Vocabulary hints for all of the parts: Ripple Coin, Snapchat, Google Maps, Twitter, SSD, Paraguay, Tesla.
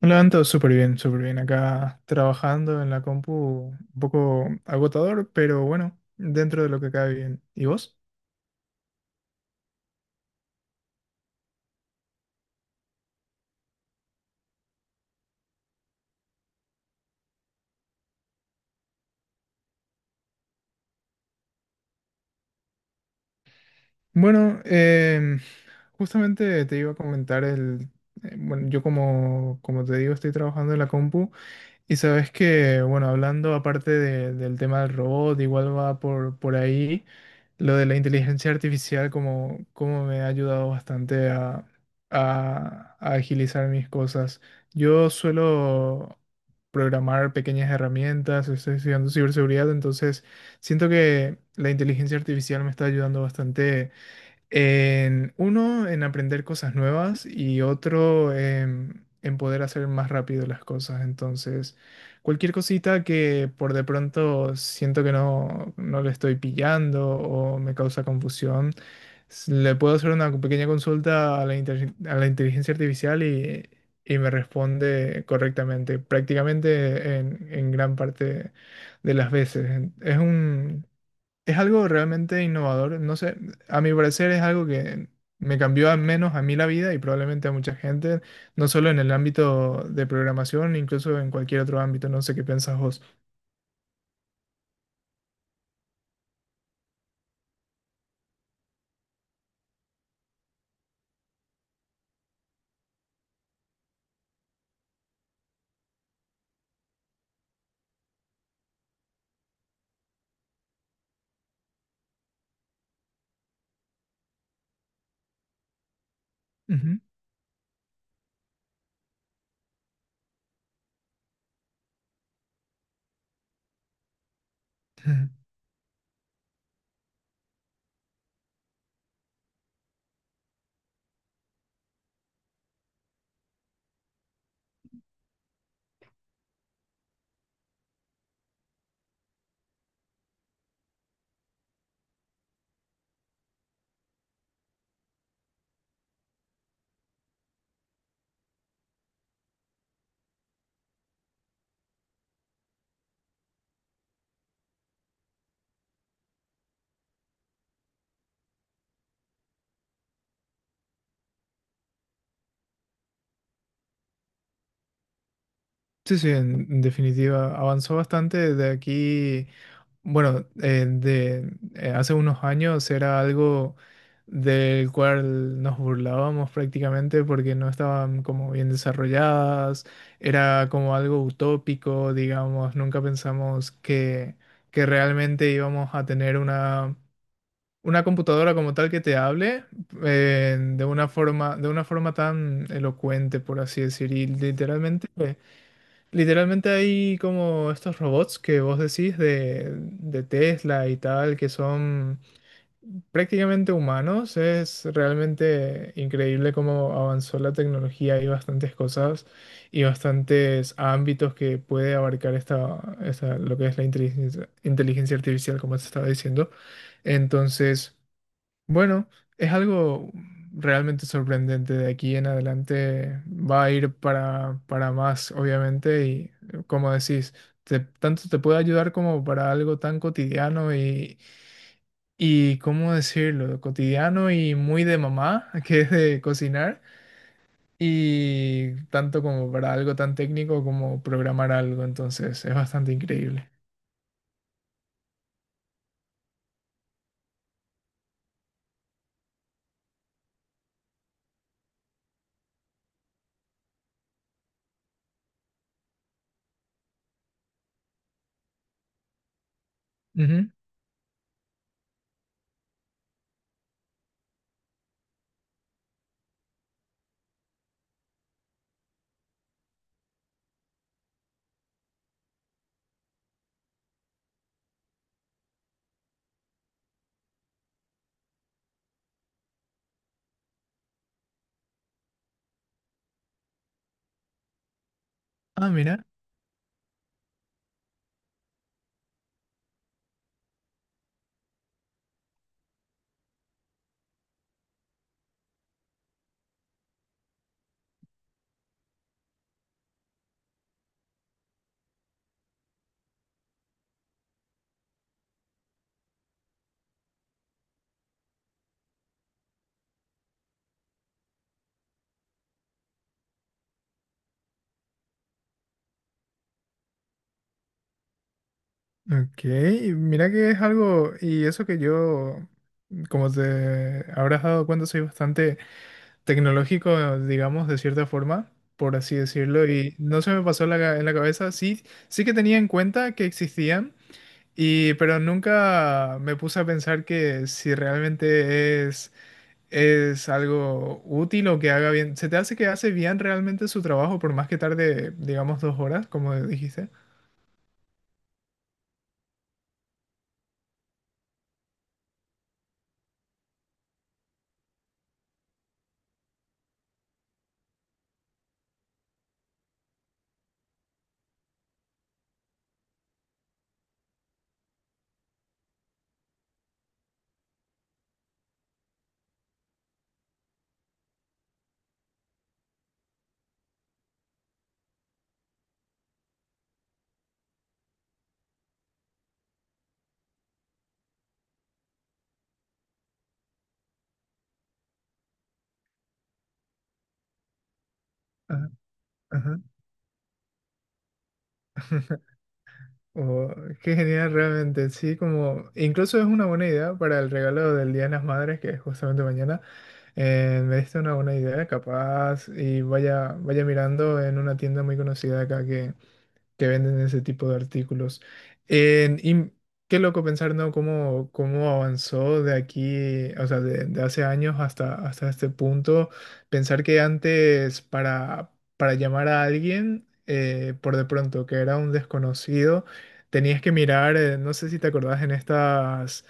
Me levanto súper bien, súper bien. Acá trabajando en la compu, un poco agotador, pero bueno, dentro de lo que cabe bien. ¿Y vos? Bueno, justamente te iba a comentar el... Bueno, yo como te digo, estoy trabajando en la compu. Y sabes que, bueno, hablando aparte del tema del robot, igual va por ahí, lo de la inteligencia artificial como me ha ayudado bastante a agilizar mis cosas. Yo suelo programar pequeñas herramientas, estoy estudiando ciberseguridad, entonces siento que la inteligencia artificial me está ayudando bastante en uno, en aprender cosas nuevas y otro, en poder hacer más rápido las cosas. Entonces, cualquier cosita que por de pronto siento que no le estoy pillando o me causa confusión, le puedo hacer una pequeña consulta a la inteligencia artificial y me responde correctamente, prácticamente en gran parte de las veces. Es algo realmente innovador. No sé, a mi parecer es algo que me cambió al menos a mí la vida y probablemente a mucha gente, no solo en el ámbito de programación, incluso en cualquier otro ámbito. No sé qué piensas vos. Ujú. Sí, sí, en definitiva, avanzó bastante de aquí. Bueno, hace unos años era algo del cual nos burlábamos prácticamente porque no estaban como bien desarrolladas, era como algo utópico, digamos, nunca pensamos que realmente íbamos a tener una computadora como tal que te hable de una forma tan elocuente, por así decir, y literalmente... Literalmente hay como estos robots que vos decís de Tesla y tal, que son prácticamente humanos. Es realmente increíble cómo avanzó la tecnología. Hay bastantes cosas y bastantes ámbitos que puede abarcar lo que es la inteligencia artificial, como te estaba diciendo. Entonces... Bueno, es algo realmente sorprendente. De aquí en adelante va a ir para más, obviamente, y como decís, tanto te puede ayudar como para algo tan cotidiano y, ¿cómo decirlo? Cotidiano y muy de mamá, que es de cocinar, y tanto como para algo tan técnico como programar algo. Entonces, es bastante increíble. Ujú. Ah, mira. Ok, mira que es algo, y eso que yo, como te habrás dado cuenta, soy bastante tecnológico, digamos, de cierta forma, por así decirlo, y no se me pasó en la cabeza, sí, sí que tenía en cuenta que existían, y, pero nunca me puse a pensar que si realmente es algo útil o que haga bien, ¿se te hace que hace bien realmente su trabajo por más que tarde, digamos, dos horas, como dijiste? Ajá, ajá. Oh, qué genial realmente, sí, como incluso es una buena idea para el regalo del Día de las Madres, que es justamente mañana. Me diste una buena idea, capaz, y vaya, vaya mirando en una tienda muy conocida acá que venden ese tipo de artículos. Y qué loco pensar, ¿no? Cómo, cómo avanzó de aquí, o sea, de hace años hasta, hasta este punto. Pensar que antes para llamar a alguien, por de pronto, que era un desconocido, tenías que mirar, no sé si te acordás,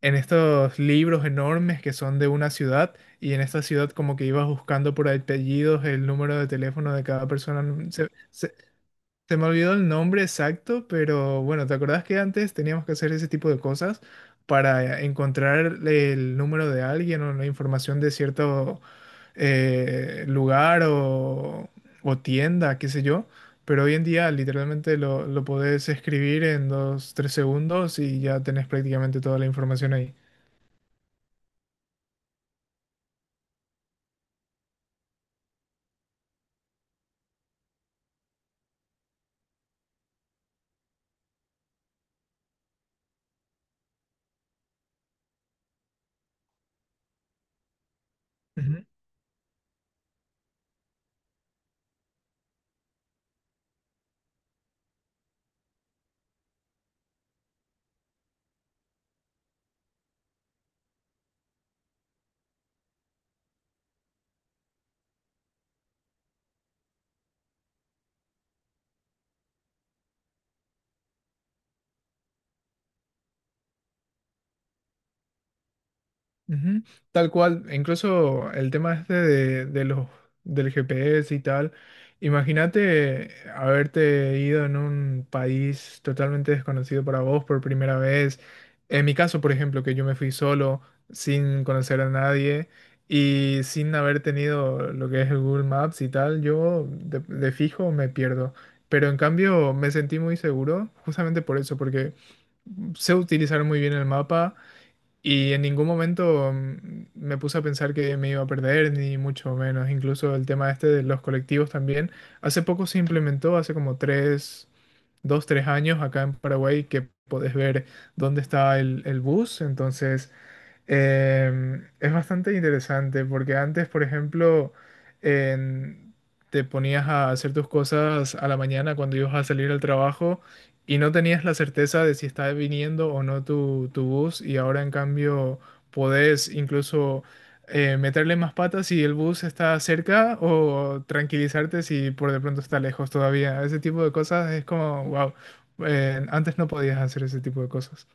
en estos libros enormes que son de una ciudad. Y en esta ciudad como que ibas buscando por apellidos el número de teléfono de cada persona. Se me olvidó el nombre exacto, pero bueno, ¿te acordás que antes teníamos que hacer ese tipo de cosas para encontrar el número de alguien o la información de cierto lugar o tienda, qué sé yo? Pero hoy en día literalmente lo podés escribir en dos, tres segundos y ya tenés prácticamente toda la información ahí. Ujú, tal cual, incluso el tema este de los del GPS y tal. Imagínate haberte ido en un país totalmente desconocido para vos por primera vez. En mi caso, por ejemplo, que yo me fui solo, sin conocer a nadie y sin haber tenido lo que es el Google Maps y tal, yo de fijo me pierdo. Pero en cambio me sentí muy seguro, justamente por eso, porque sé utilizar muy bien el mapa y en ningún momento me puse a pensar que me iba a perder, ni mucho menos. Incluso el tema este de los colectivos también. Hace poco se implementó, hace como 2, 3 años acá en Paraguay, que podés ver dónde está el bus. Entonces, es bastante interesante porque antes, por ejemplo, en- te ponías a hacer tus cosas a la mañana cuando ibas a salir al trabajo y no tenías la certeza de si estaba viniendo o no tu bus y ahora en cambio podés incluso meterle más patas si el bus está cerca o tranquilizarte si por de pronto está lejos todavía. Ese tipo de cosas es como, wow, antes no podías hacer ese tipo de cosas.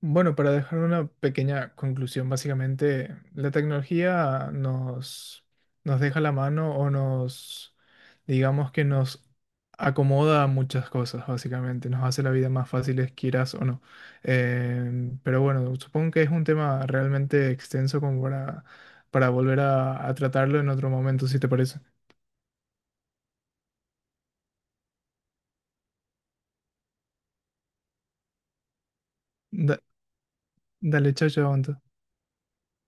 Bueno, para dejar una pequeña conclusión, básicamente, la tecnología nos deja la mano o digamos que nos acomoda a muchas cosas, básicamente, nos hace la vida más fácil, quieras o no. Pero bueno, supongo que es un tema realmente extenso como para volver a tratarlo en otro momento, si te parece. Da- Dale, chao, chao, Anto.